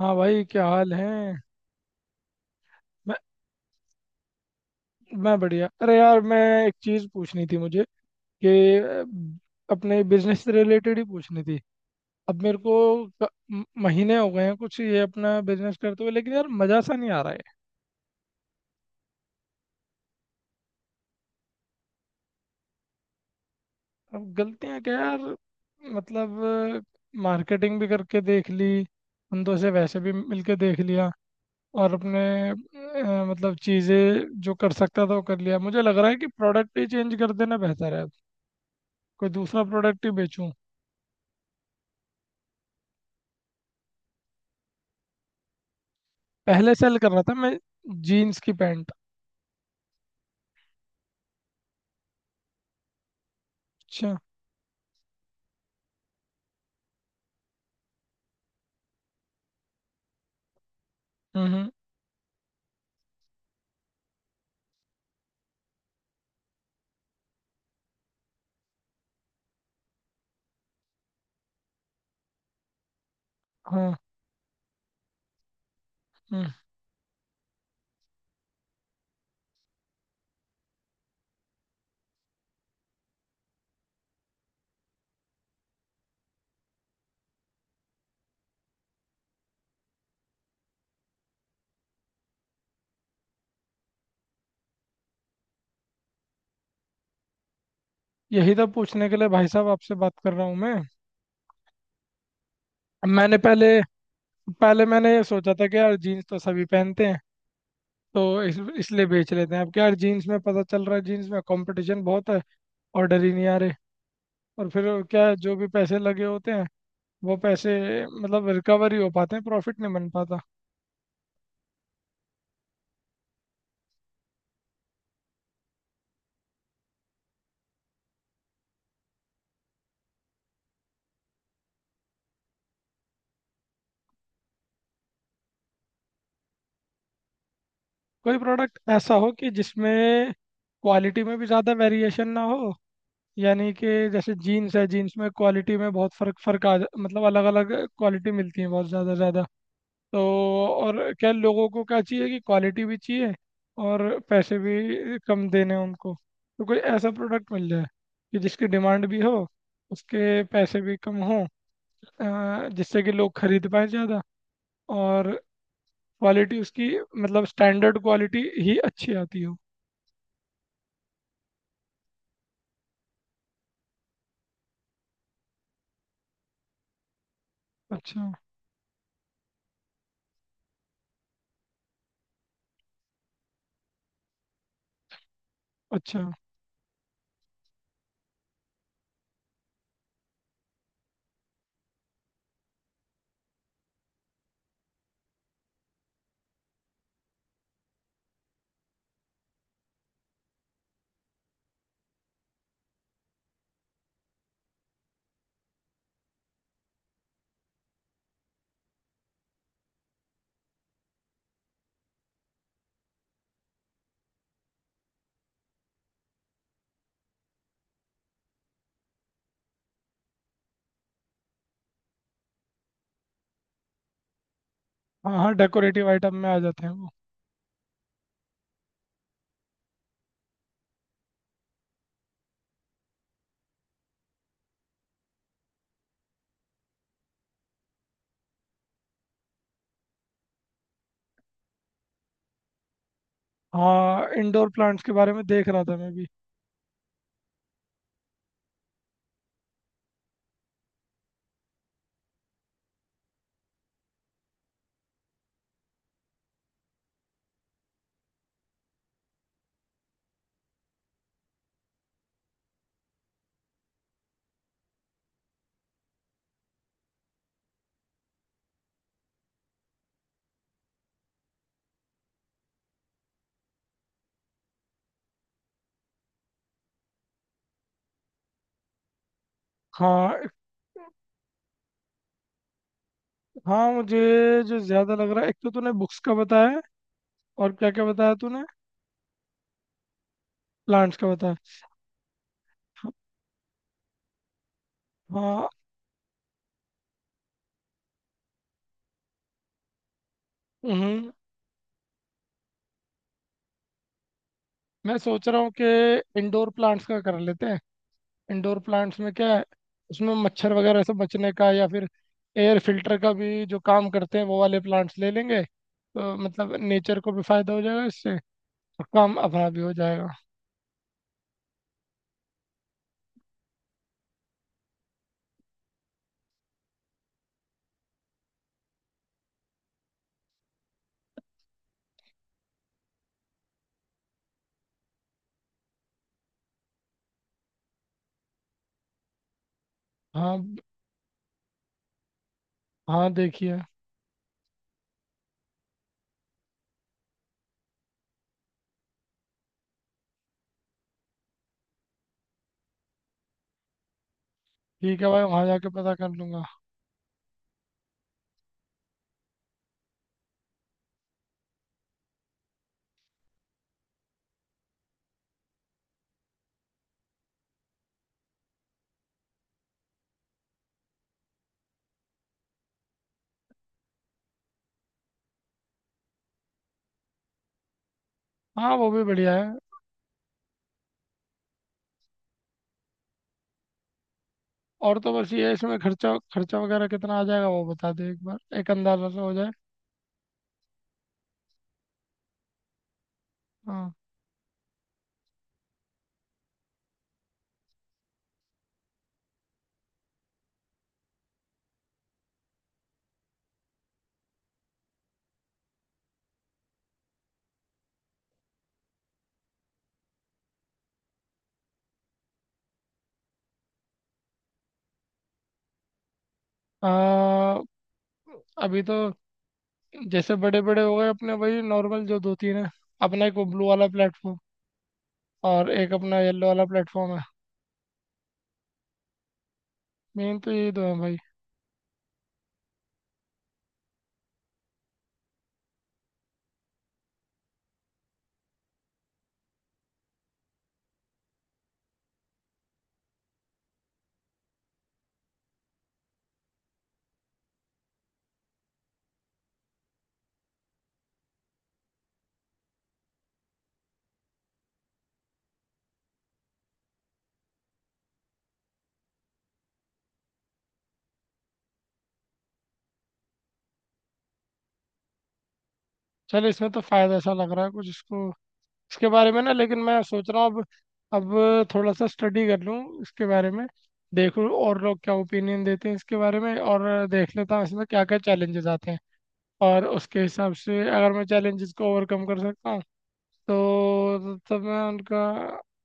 हाँ भाई, क्या हाल है। मैं मैं बढ़िया। अरे यार, मैं एक चीज़ पूछनी थी मुझे कि अपने बिजनेस से रिलेटेड ही पूछनी थी। अब मेरे को महीने हो गए हैं कुछ ये अपना बिजनेस करते हुए, लेकिन यार मज़ा सा नहीं आ रहा है। अब गलतियाँ क्या यार, मतलब मार्केटिंग भी करके देख ली, बंदों से वैसे भी मिलके देख लिया और अपने मतलब चीज़ें जो कर सकता था वो कर लिया। मुझे लग रहा है कि प्रोडक्ट ही चेंज कर देना बेहतर है। कोई दूसरा प्रोडक्ट ही बेचूं। पहले सेल कर रहा था मैं जीन्स की पैंट। अच्छा। हम्म, हम्म। हाँ। हम्म। यही था पूछने के लिए भाई साहब आपसे बात कर रहा हूँ मैं। अब मैंने पहले पहले मैंने ये सोचा था कि यार जीन्स तो सभी पहनते हैं, तो इस इसलिए बेच लेते हैं। अब क्या यार, जीन्स में पता चल रहा है जीन्स में कंपटीशन बहुत है। ऑर्डर ही नहीं आ रहे। और फिर क्या है, जो भी पैसे लगे होते हैं वो पैसे मतलब रिकवर ही हो पाते हैं, प्रॉफिट नहीं बन पाता। कोई प्रोडक्ट ऐसा हो कि जिसमें क्वालिटी में भी ज़्यादा वेरिएशन ना हो। यानी कि जैसे जीन्स है, जीन्स में क्वालिटी में बहुत फर्क फर्क आ जा, मतलब अलग अलग क्वालिटी मिलती है बहुत ज़्यादा ज़्यादा। तो और क्या, लोगों को क्या चाहिए कि क्वालिटी भी चाहिए और पैसे भी कम देने हैं उनको। तो कोई ऐसा प्रोडक्ट मिल जाए कि जिसकी डिमांड भी हो, उसके पैसे भी कम हो, जिससे कि लोग खरीद पाए ज़्यादा और क्वालिटी उसकी मतलब स्टैंडर्ड क्वालिटी ही अच्छी आती हो। अच्छा। अच्छा। हाँ हाँ, डेकोरेटिव आइटम में आ जाते हैं वो। हाँ, इंडोर प्लांट्स के बारे में देख रहा था मैं भी। हाँ। हाँ, मुझे जो ज्यादा लग रहा है, एक तो तूने बुक्स का बताया है, और क्या क्या बताया तूने। प्लांट्स का बताया। हाँ। हम्म। मैं सोच रहा हूँ कि इंडोर प्लांट्स का कर लेते हैं। इंडोर प्लांट्स में क्या है, उसमें मच्छर वगैरह से बचने का या फिर एयर फिल्टर का भी जो काम करते हैं वो वाले प्लांट्स ले लेंगे। तो मतलब नेचर को भी फायदा हो जाएगा इससे और काम अपना भी हो जाएगा। हाँ ब- हाँ, देखिए। ठीक है भाई, वहाँ जाके पता कर लूंगा। हाँ वो भी बढ़िया है। और तो बस ये है, इसमें खर्चा खर्चा वगैरह कितना आ जाएगा वो बता दे एक बार, एक अंदाजा से हो जाए। हाँ। आ, अभी तो जैसे बड़े बड़े हो गए अपने वही नॉर्मल जो दो तीन है, अपना एक वो ब्लू वाला प्लेटफॉर्म और एक अपना येलो वाला प्लेटफॉर्म है। मेन तो यही दो है भाई। चल, इसमें तो फायदा ऐसा लग रहा है कुछ इसको, इसके बारे में ना। लेकिन मैं सोच रहा हूँ अब थोड़ा सा स्टडी कर लूँ इसके बारे में, देखूँ और लोग क्या ओपिनियन देते हैं इसके बारे में, और देख लेता हूँ इसमें क्या क्या चैलेंजेस आते हैं। और उसके हिसाब से अगर मैं चैलेंजेस को ओवरकम कर सकता हूँ तो तब मैं उनका।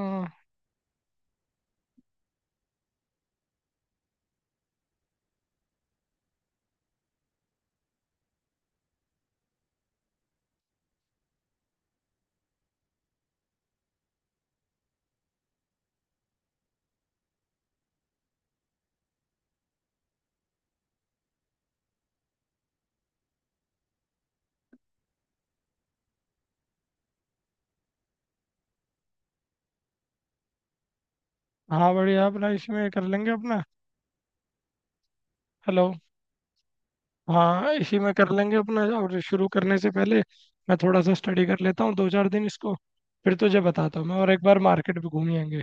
हाँ। हाँ, बढ़िया, अपना इसमें कर लेंगे अपना। हेलो। हाँ, इसी में कर लेंगे अपना। और शुरू करने से पहले मैं थोड़ा सा स्टडी कर लेता हूँ दो चार दिन इसको, फिर तुझे बताता हूँ मैं, और एक बार मार्केट भी घूम ही आएंगे।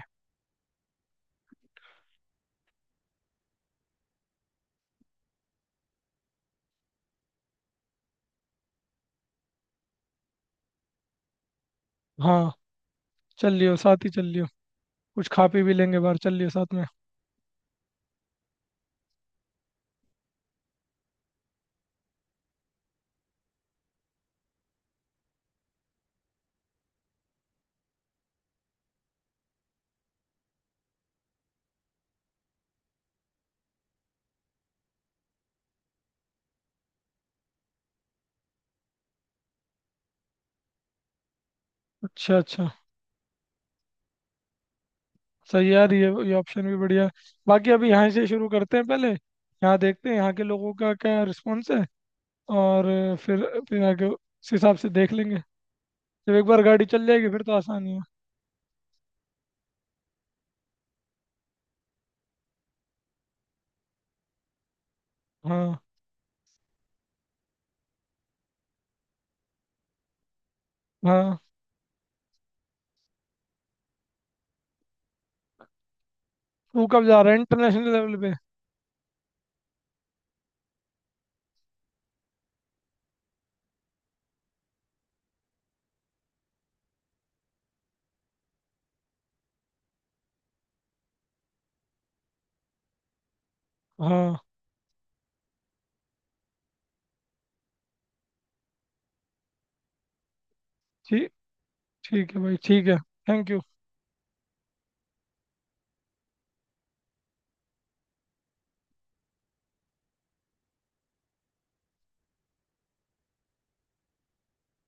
हाँ, चल लियो, साथ ही चल लियो। कुछ खा पी भी लेंगे बाहर, चल लियो साथ में। अच्छा अच्छा। सही यार, ये ऑप्शन भी बढ़िया है। बाकी अभी यहाँ से शुरू करते हैं, पहले यहाँ देखते हैं यहाँ के लोगों का क्या रिस्पॉन्स है। और फिर आगे उस हिसाब से देख लेंगे। जब एक बार गाड़ी चल जाएगी फिर तो आसानी है। हाँ। हाँ, तू कब जा रहा है इंटरनेशनल लेवल पे। हाँ। ठीक ठीक है भाई, ठीक है। Thank you.